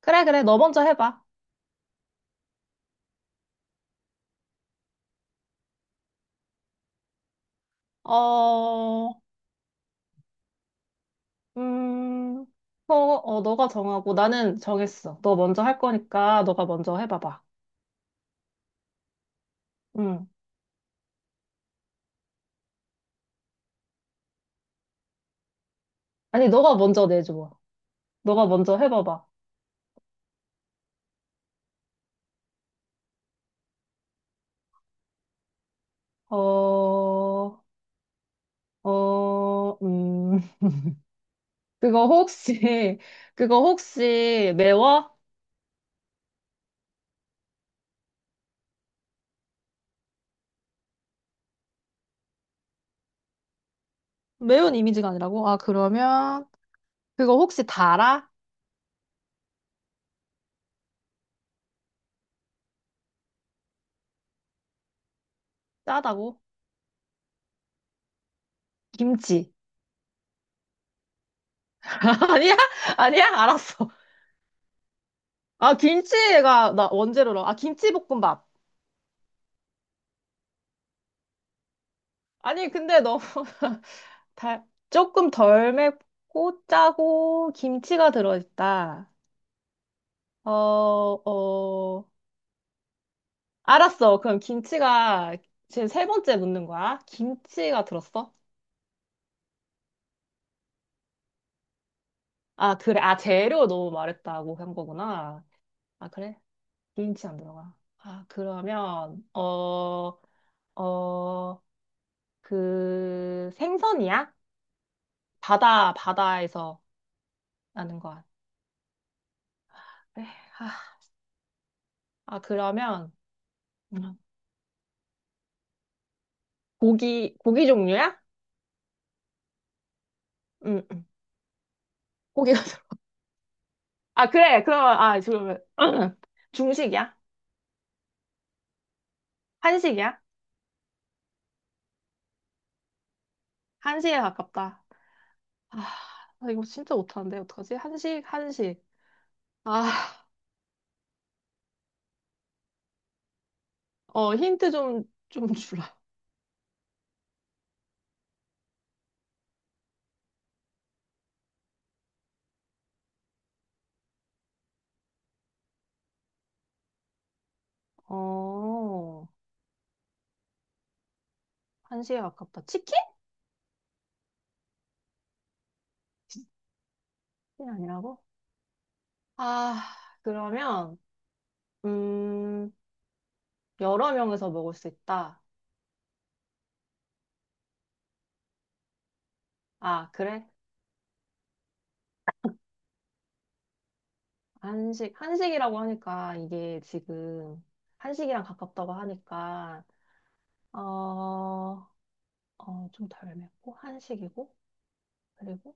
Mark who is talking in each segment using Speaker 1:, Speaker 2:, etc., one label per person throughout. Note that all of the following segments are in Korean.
Speaker 1: 그래, 그래. 너 먼저 해봐. 어, 음, 어, 어, 너가 정하고 나는 정했어. 너 먼저 할 거니까 너가 먼저 해봐봐. 응. 아니, 너가 먼저 내줘. 너가 먼저 해봐봐. 어, 어, 그거 혹시, 그거 혹시 매워? 매운 이미지가 아니라고? 아, 그러면, 그거 혹시 달아? 짜다고? 김치. 아니야? 아니야? 알았어. 아, 김치가, 나 원재료로. 아, 김치볶음밥. 아니, 근데 너무 달, 조금 덜 맵고 짜고 김치가 들어있다. 어, 어, 알았어. 그럼 김치가 지금 세 번째 묻는 거야? 김치가 들었어? 아, 그래. 아, 재료 너무 말했다고 한 거구나. 아, 그래? 김치 안 들어가. 어, 그 생선이야? 바다, 바다에서 나는 거야. 그래. 아, 아, 그러면 음, 고기, 고기 종류야? 응, 응. 고기가 들어. 아, 그래. 그러면, 아, 그러면, 중식이야? 한식이야? 한식에 가깝다. 아, 나 이거 진짜 못하는데, 어떡하지? 한식, 한식. 아, 어, 힌트 좀, 좀 주라. 어, 한식에 가깝다. 치킨? 이 아니라고? 아, 그러면, 음, 여러 명에서 먹을 수 있다. 아, 그래? 한식, 한식이라고 하니까, 이게 지금, 한식이랑 가깝다고 하니까, 어, 좀 덜 맵고 한식이고 그리고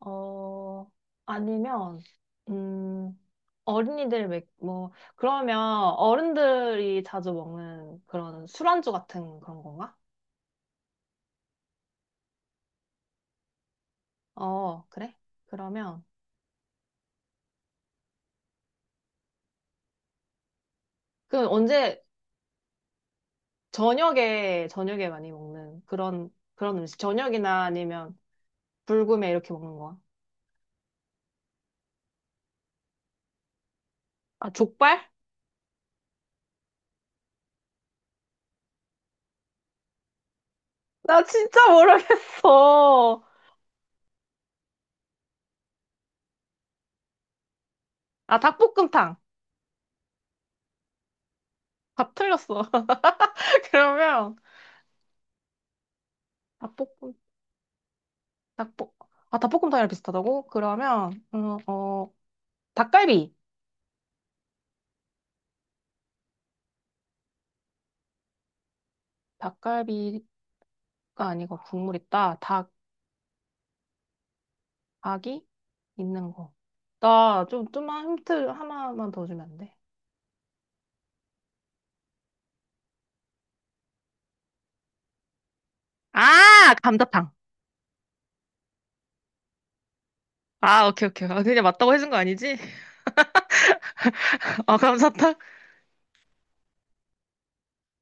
Speaker 1: 어 아니면 음 어린이들 맥, 뭐 그러면 어른들이 자주 먹는 그런 술안주 같은 그런 건가? 어 그래? 그러면 그 언제 저녁에 저녁에 많이 먹는 그런 그런 음식 저녁이나 아니면 불금에 이렇게 먹는 거야? 아 족발? 나 진짜 모르겠어. 아 닭볶음탕. 다 틀렸어. 그러면 닭볶음탕 닭볶, 아, 닭볶음탕이랑 비슷하다고? 그러면 닭갈비. 닭갈비가 아니고 국물 있다. 닭, 닭이 있는 거. 나 좀, 좀만 힌트 하나만 더 주면 안 돼? 아, 감자탕. 아, 오케이, 오케이. 아, 그냥 맞다고 해준 거 아니지? 아, 감자탕?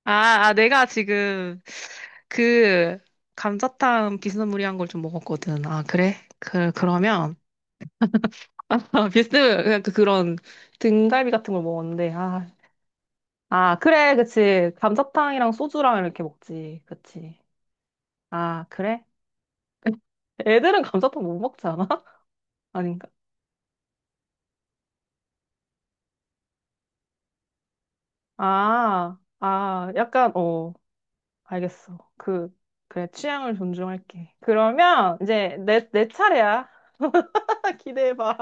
Speaker 1: 아, 아, 내가 지금 그 감자탕 비스무리한 걸 좀 먹었거든. 아, 그래? 그, 그러면. 비스, 그냥 그, 그런 등갈비 같은 걸 먹었는데, 아, 아, 그래, 그치. 감자탕이랑 소주랑 이렇게 먹지. 그치. 아, 그래? 애들은 감자탕 못 먹지 않아? 아닌가? 아, 아, 약간, 어, 알겠어. 그, 그래, 취향을 존중할게. 그러면 이제 내, 내 차례야. 기대해봐.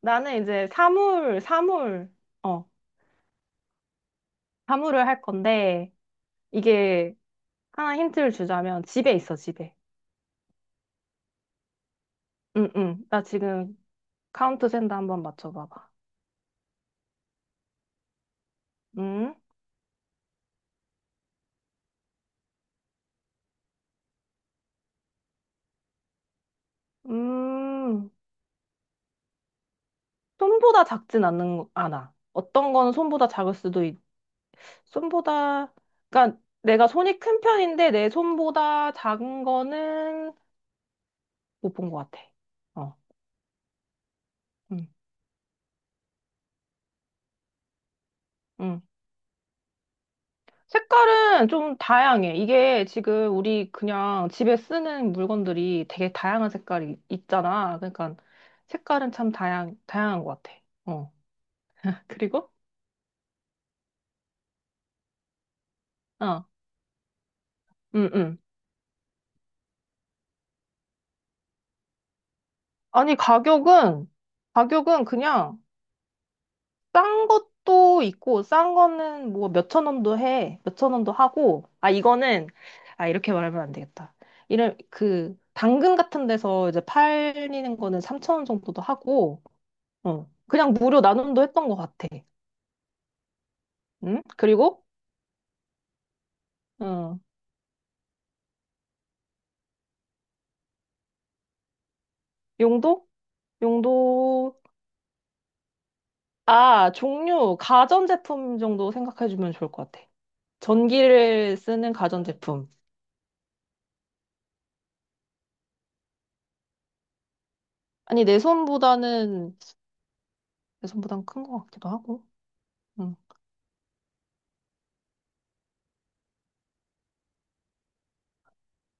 Speaker 1: 나는 이제 사물, 사물, 어, 사물을 할 건데, 이게 하나 힌트를 주자면 집에 있어, 집에. 응, 응. 나 지금 카운트 센다 한번 맞춰봐봐. 응? 음. 손보다 작진 않는, 않아. 어떤 거는 손보다 작을 수도 있, 손보다, 그러니까 내가 손이 큰 편인데 내 손보다 작은 거는 못 본 것 같아. 어, 음, 음. 색깔은 좀 다양해. 이게 지금 우리 그냥 집에 쓰는 물건들이 되게 다양한 색깔이 있잖아. 그러니까 색깔은 참 다양, 다양한 것 같아. 어. 그리고? 어, 음, 음. 아니, 가격은, 가격은 그냥 싼 것도 있고, 싼 거는 뭐 몇 천 원도 해. 몇 천 원도 하고, 아, 이거는, 아, 이렇게 말하면 안 되겠다. 이런, 그, 당근 같은 데서 이제 팔리는 거는 3천 원 정도도 하고, 어, 그냥 무료 나눔도 했던 것 같아. 응? 그리고, 어, 용도? 용도, 아, 종류, 가전제품 정도 생각해주면 좋을 것 같아. 전기를 쓰는 가전제품. 아니, 내 손보다는, 내 손보단 큰 것 같기도 하고. 응.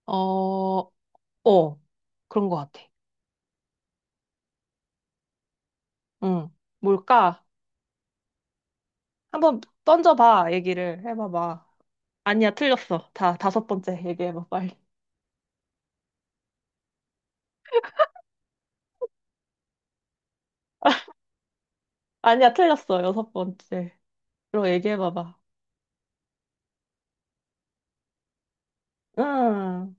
Speaker 1: 어, 어, 그런 것 같아. 응. 뭘까? 한번 던져봐, 얘기를. 해봐봐. 아니야, 틀렸어. 다, 다섯 번째 얘기해봐, 빨리. 아니야, 틀렸어. 여섯 번째. 로 얘기해봐봐. 응,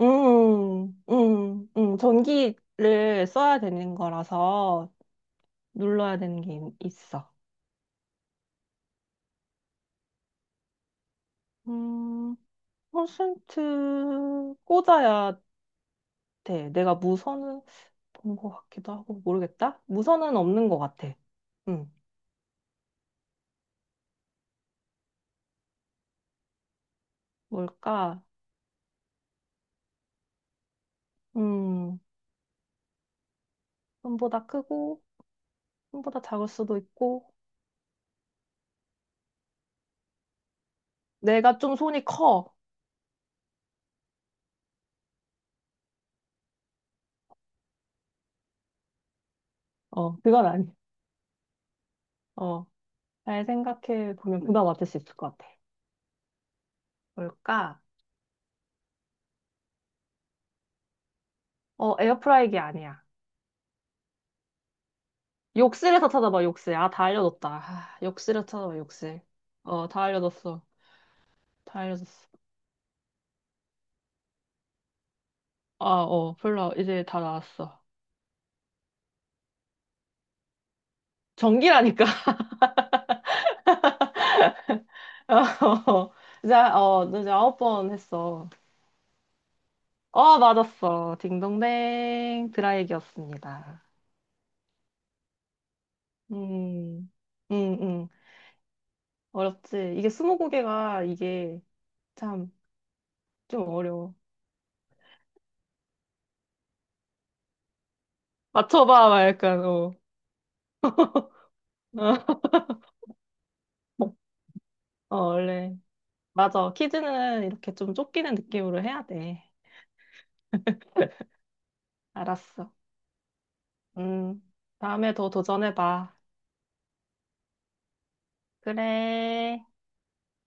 Speaker 1: 응. 전기를 써야 되는 거라서 눌러야 되는 게 있어. 음, 퍼센트 꽂아야 돼. 내가 무선은 본 것 같기도 하고, 모르겠다? 무선은 없는 것 같아. 응. 뭘까? 음, 손보다 크고, 손보다 작을 수도 있고, 내가 좀 손이 커. 어, 그건 아니야. 어, 잘 생각해 보면 그나마 맞을 수 있을 것 같아. 뭘까? 어, 에어프라이기 아니야. 욕실에서 찾아봐, 욕실. 아, 다 알려줬다. 아, 욕실에서 찾아봐, 욕실. 어, 다 알려줬어. 다 알려줬어. 아, 어, 별로, 이제 다 나왔어. 전기라니까. 어, 이제, 어, 이제 아홉 번 했어. 어, 맞았어. 딩동댕. 드라이기였습니다. 음, 음, 음. 어렵지. 이게 스무고개가 이게 참 좀 어려워. 맞춰봐, 막 약간, 어. 어, 원래. 맞아. 퀴즈는 이렇게 좀 쫓기는 느낌으로 해야 돼. 알았어. 음, 다음에 더 도전해봐. 그래.